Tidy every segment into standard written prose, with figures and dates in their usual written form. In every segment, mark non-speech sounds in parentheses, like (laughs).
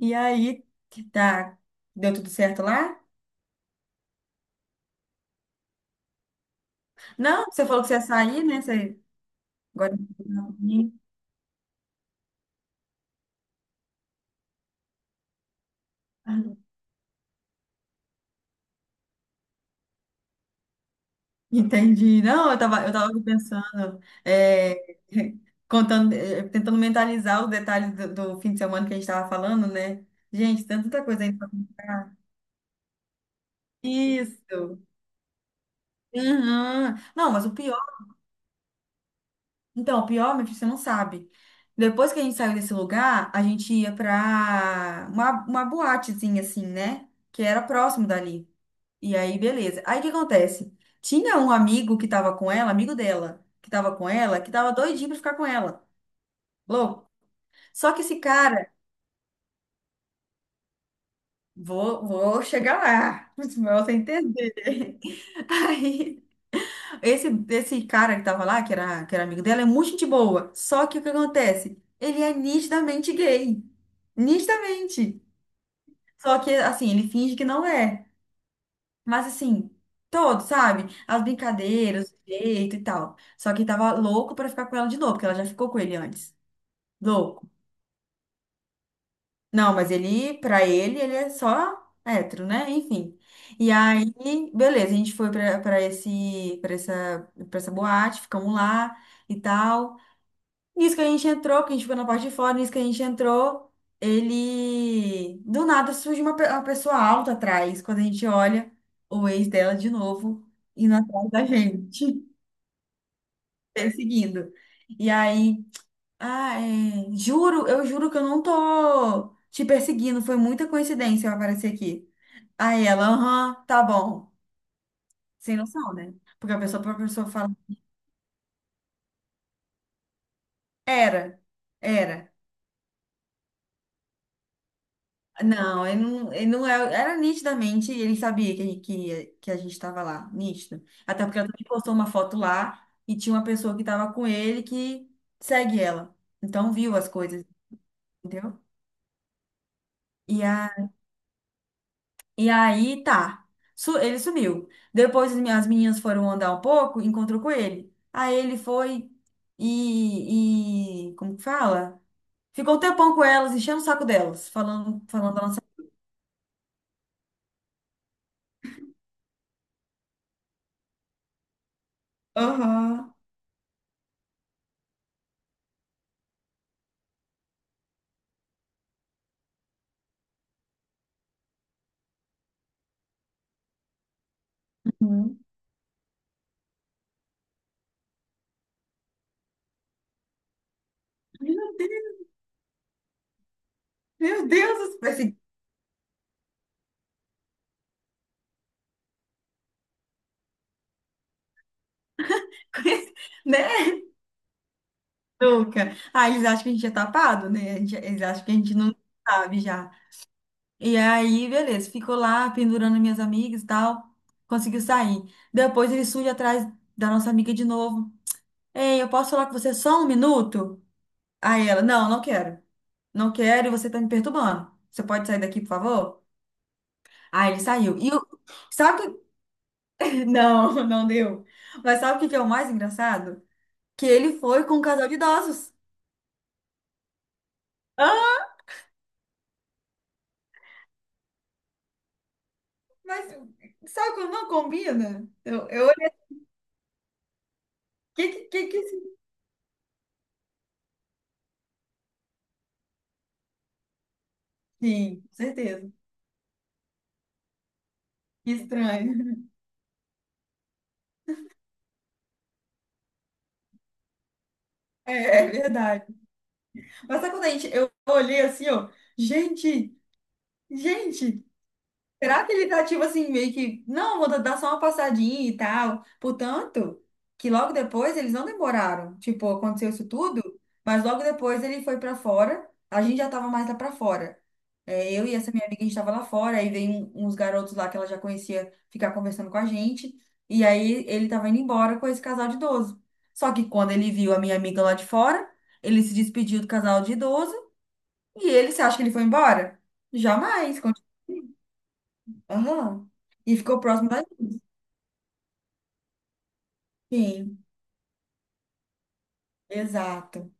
E aí, que tá, deu tudo certo lá? Não, você falou que você ia sair, né? Você agora. (laughs) Entendi. Não, eu tava pensando, (laughs) contando, tentando mentalizar os detalhes do fim de semana que a gente tava falando, né? Gente, tem tanta coisa aí. Isso. Uhum. Não, mas o pior, então, o pior, meu filho, você não sabe. Depois que a gente saiu desse lugar, a gente ia pra uma boatezinha assim, né? Que era próximo dali. E aí, beleza. Aí o que acontece? Tinha um amigo que tava com ela, amigo dela, que tava com ela, que tava doidinho pra ficar com ela. Louco. Só que esse cara, vou chegar lá, (laughs) pra você entender. (laughs) Aí, esse cara que tava lá, que era amigo dela, é muito gente boa. Só que o que acontece? Ele é nitidamente gay. Nitidamente. Só que, assim, ele finge que não é. Mas assim, todos, sabe? As brincadeiras, o jeito e tal. Só que tava louco pra ficar com ela de novo, porque ela já ficou com ele antes. Louco. Não, mas ele, pra ele, ele é só hétero, né? Enfim. E aí, beleza, a gente foi pra essa boate, ficamos lá e tal. Nisso que a gente entrou, que a gente ficou na parte de fora, nisso que a gente entrou, ele. Do nada surge uma pessoa alta atrás, quando a gente olha o ex dela de novo indo atrás da gente, (laughs) perseguindo. E aí, ah, eu juro que eu não tô te perseguindo, foi muita coincidência eu aparecer aqui. Aí ela, aham, tá bom. Sem noção, né? Porque a pessoa fala, era, era. Não, ele não era nitidamente, ele sabia que a gente estava lá, nítido. Até porque ela também postou uma foto lá e tinha uma pessoa que estava com ele que segue ela. Então viu as coisas, entendeu? E, a, e aí, tá. Ele sumiu. Depois as meninas foram andar um pouco, encontrou com ele. Aí ele foi e como que fala? Ficou um tempão com elas, enchendo o saco delas, falando da nossa. Aham. Uhum. Meu Deus, esse, (laughs) né, Luca? Ah, eles acham que a gente é tapado, né? Eles acham que a gente não sabe já. E aí, beleza, ficou lá pendurando minhas amigas e tal, conseguiu sair. Depois ele surge atrás da nossa amiga de novo. Ei, eu posso falar com você só um minuto? Aí ela, não, não quero. Não quero e você tá me perturbando. Você pode sair daqui, por favor? Aí ele saiu. E eu, sabe o que... (laughs) Não, não deu. Mas sabe o que que é o mais engraçado? Que ele foi com um casal de idosos. Mas sabe quando não combina? Eu olhei. Que, que, que, que esse- Sim, com certeza. Que estranho. É, é verdade. Mas sabe quando a gente. Eu olhei assim, ó. Gente, gente. Será que ele tá tipo assim, meio que, não, vou dar só uma passadinha e tal? Portanto, que logo depois eles não demoraram. Tipo, aconteceu isso tudo, mas logo depois ele foi pra fora, a gente já tava mais lá pra fora. É, eu e essa minha amiga, a gente tava lá fora, aí veio uns garotos lá que ela já conhecia ficar conversando com a gente, e aí ele tava indo embora com esse casal de idoso. Só que quando ele viu a minha amiga lá de fora, ele se despediu do casal de idoso, e ele, você acha que ele foi embora? Jamais. Aham. E ficou próximo da gente. Exato.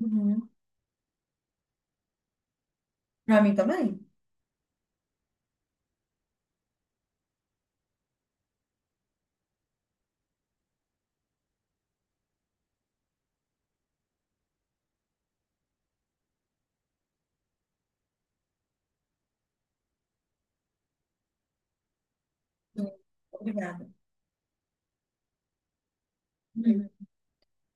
Uhum. Pra mim também. Sim. Obrigada. Uhum.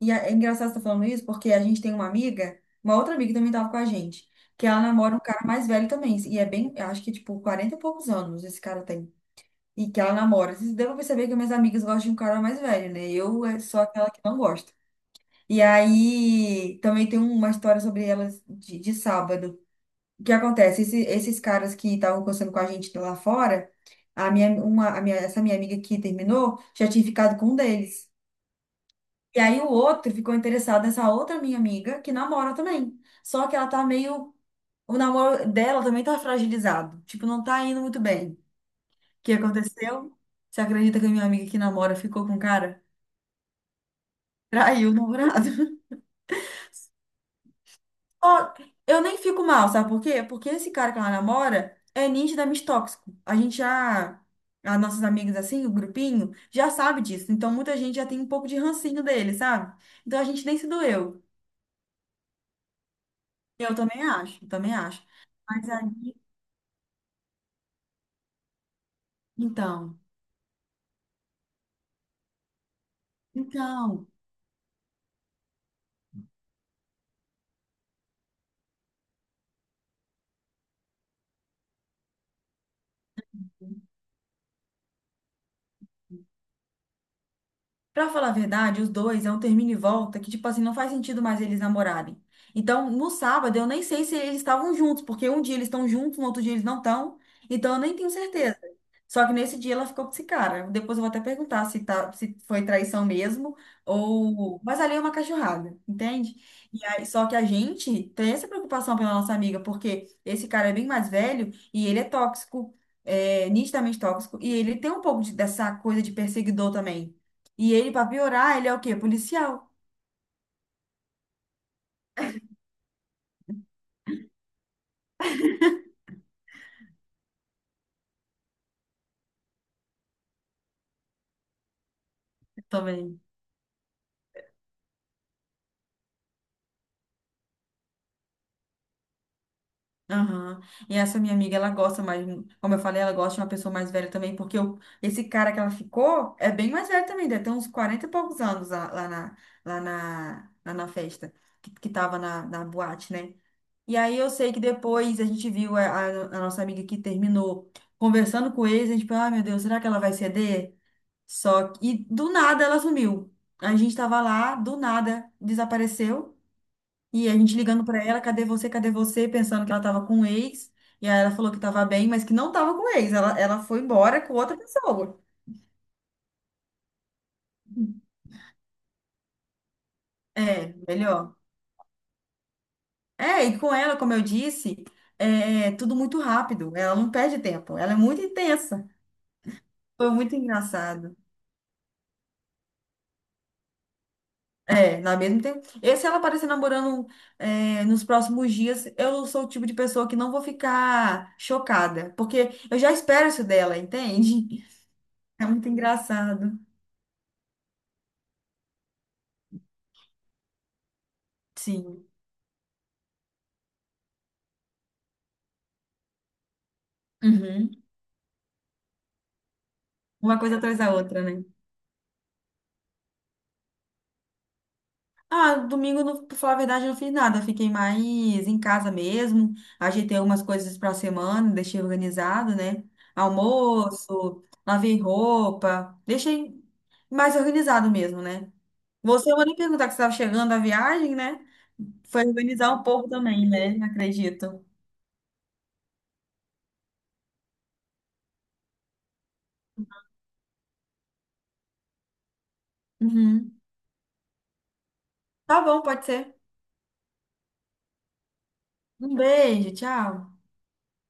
E é engraçado você estar falando isso, porque a gente tem uma amiga, uma outra amiga que também estava com a gente, que ela namora um cara mais velho também. E é bem, eu acho que tipo 40 e poucos anos esse cara tem. E que ela namora. Vocês devem perceber que minhas amigas gostam de um cara mais velho, né? Eu sou aquela que não gosta. E aí também tem uma história sobre elas de sábado. O que acontece? Esses caras que estavam conversando com a gente lá fora, a minha, uma, a minha, essa minha amiga que terminou já tinha ficado com um deles. E aí o outro ficou interessado nessa outra minha amiga que namora também. Só que ela tá meio. O namoro dela também tá fragilizado. Tipo, não tá indo muito bem. O que aconteceu? Você acredita que a minha amiga que namora ficou com um cara? Traiu o namorado. Ó, eu nem fico mal, sabe por quê? Porque esse cara que ela namora é nitidamente tóxico. A gente já, as nossas amigas assim, o grupinho, já sabe disso. Então muita gente já tem um pouco de rancinho dele, sabe? Então a gente nem se doeu. Eu também acho, também acho. Mas aí, então, então. Pra falar a verdade, os dois é um termina e volta que, tipo assim, não faz sentido mais eles namorarem. Então, no sábado, eu nem sei se eles estavam juntos, porque um dia eles estão juntos, no outro dia eles não estão. Então, eu nem tenho certeza. Só que nesse dia ela ficou com esse cara. Depois eu vou até perguntar se, tá, se foi traição mesmo ou. Mas ali é uma cachorrada, entende? E aí, só que a gente tem essa preocupação pela nossa amiga, porque esse cara é bem mais velho e ele é tóxico, nitidamente tóxico, e ele tem um pouco dessa coisa de perseguidor também. E ele, pra piorar, ele é o quê? Policial. Também. Aham. E essa minha amiga, ela gosta mais, como eu falei, ela gosta de uma pessoa mais velha também, porque esse cara que ela ficou é bem mais velho também, deve ter uns 40 e poucos anos lá, lá na festa, que tava na boate, né? E aí eu sei que depois a gente viu a nossa amiga que terminou conversando com eles, a gente pensou, ah, meu Deus, será que ela vai ceder? E do nada ela sumiu. A gente tava lá, do nada desapareceu. E a gente ligando pra ela, cadê você, pensando que ela tava com o ex. E aí ela falou que tava bem, mas que não tava com o ex. Ela foi embora com outra pessoa. É, melhor. É, e com ela, como eu disse, é tudo muito rápido. Ela não perde tempo. Ela é muito intensa. Foi muito engraçado. É, na mesma tempo. E se ela aparecer namorando nos próximos dias, eu sou o tipo de pessoa que não vou ficar chocada. Porque eu já espero isso dela, entende? (laughs) É muito engraçado. Sim. Uhum. Uma coisa atrás da outra, né? Ah, domingo, não, pra falar a verdade, eu não fiz nada. Fiquei mais em casa mesmo. Ajeitei algumas coisas pra semana, deixei organizado, né? Almoço, lavei roupa, deixei mais organizado mesmo, né? Eu vou nem perguntar que você estava chegando da viagem, né? Foi organizar um pouco também, né? Acredito. Uhum. Tá bom, pode ser. Um beijo, tchau.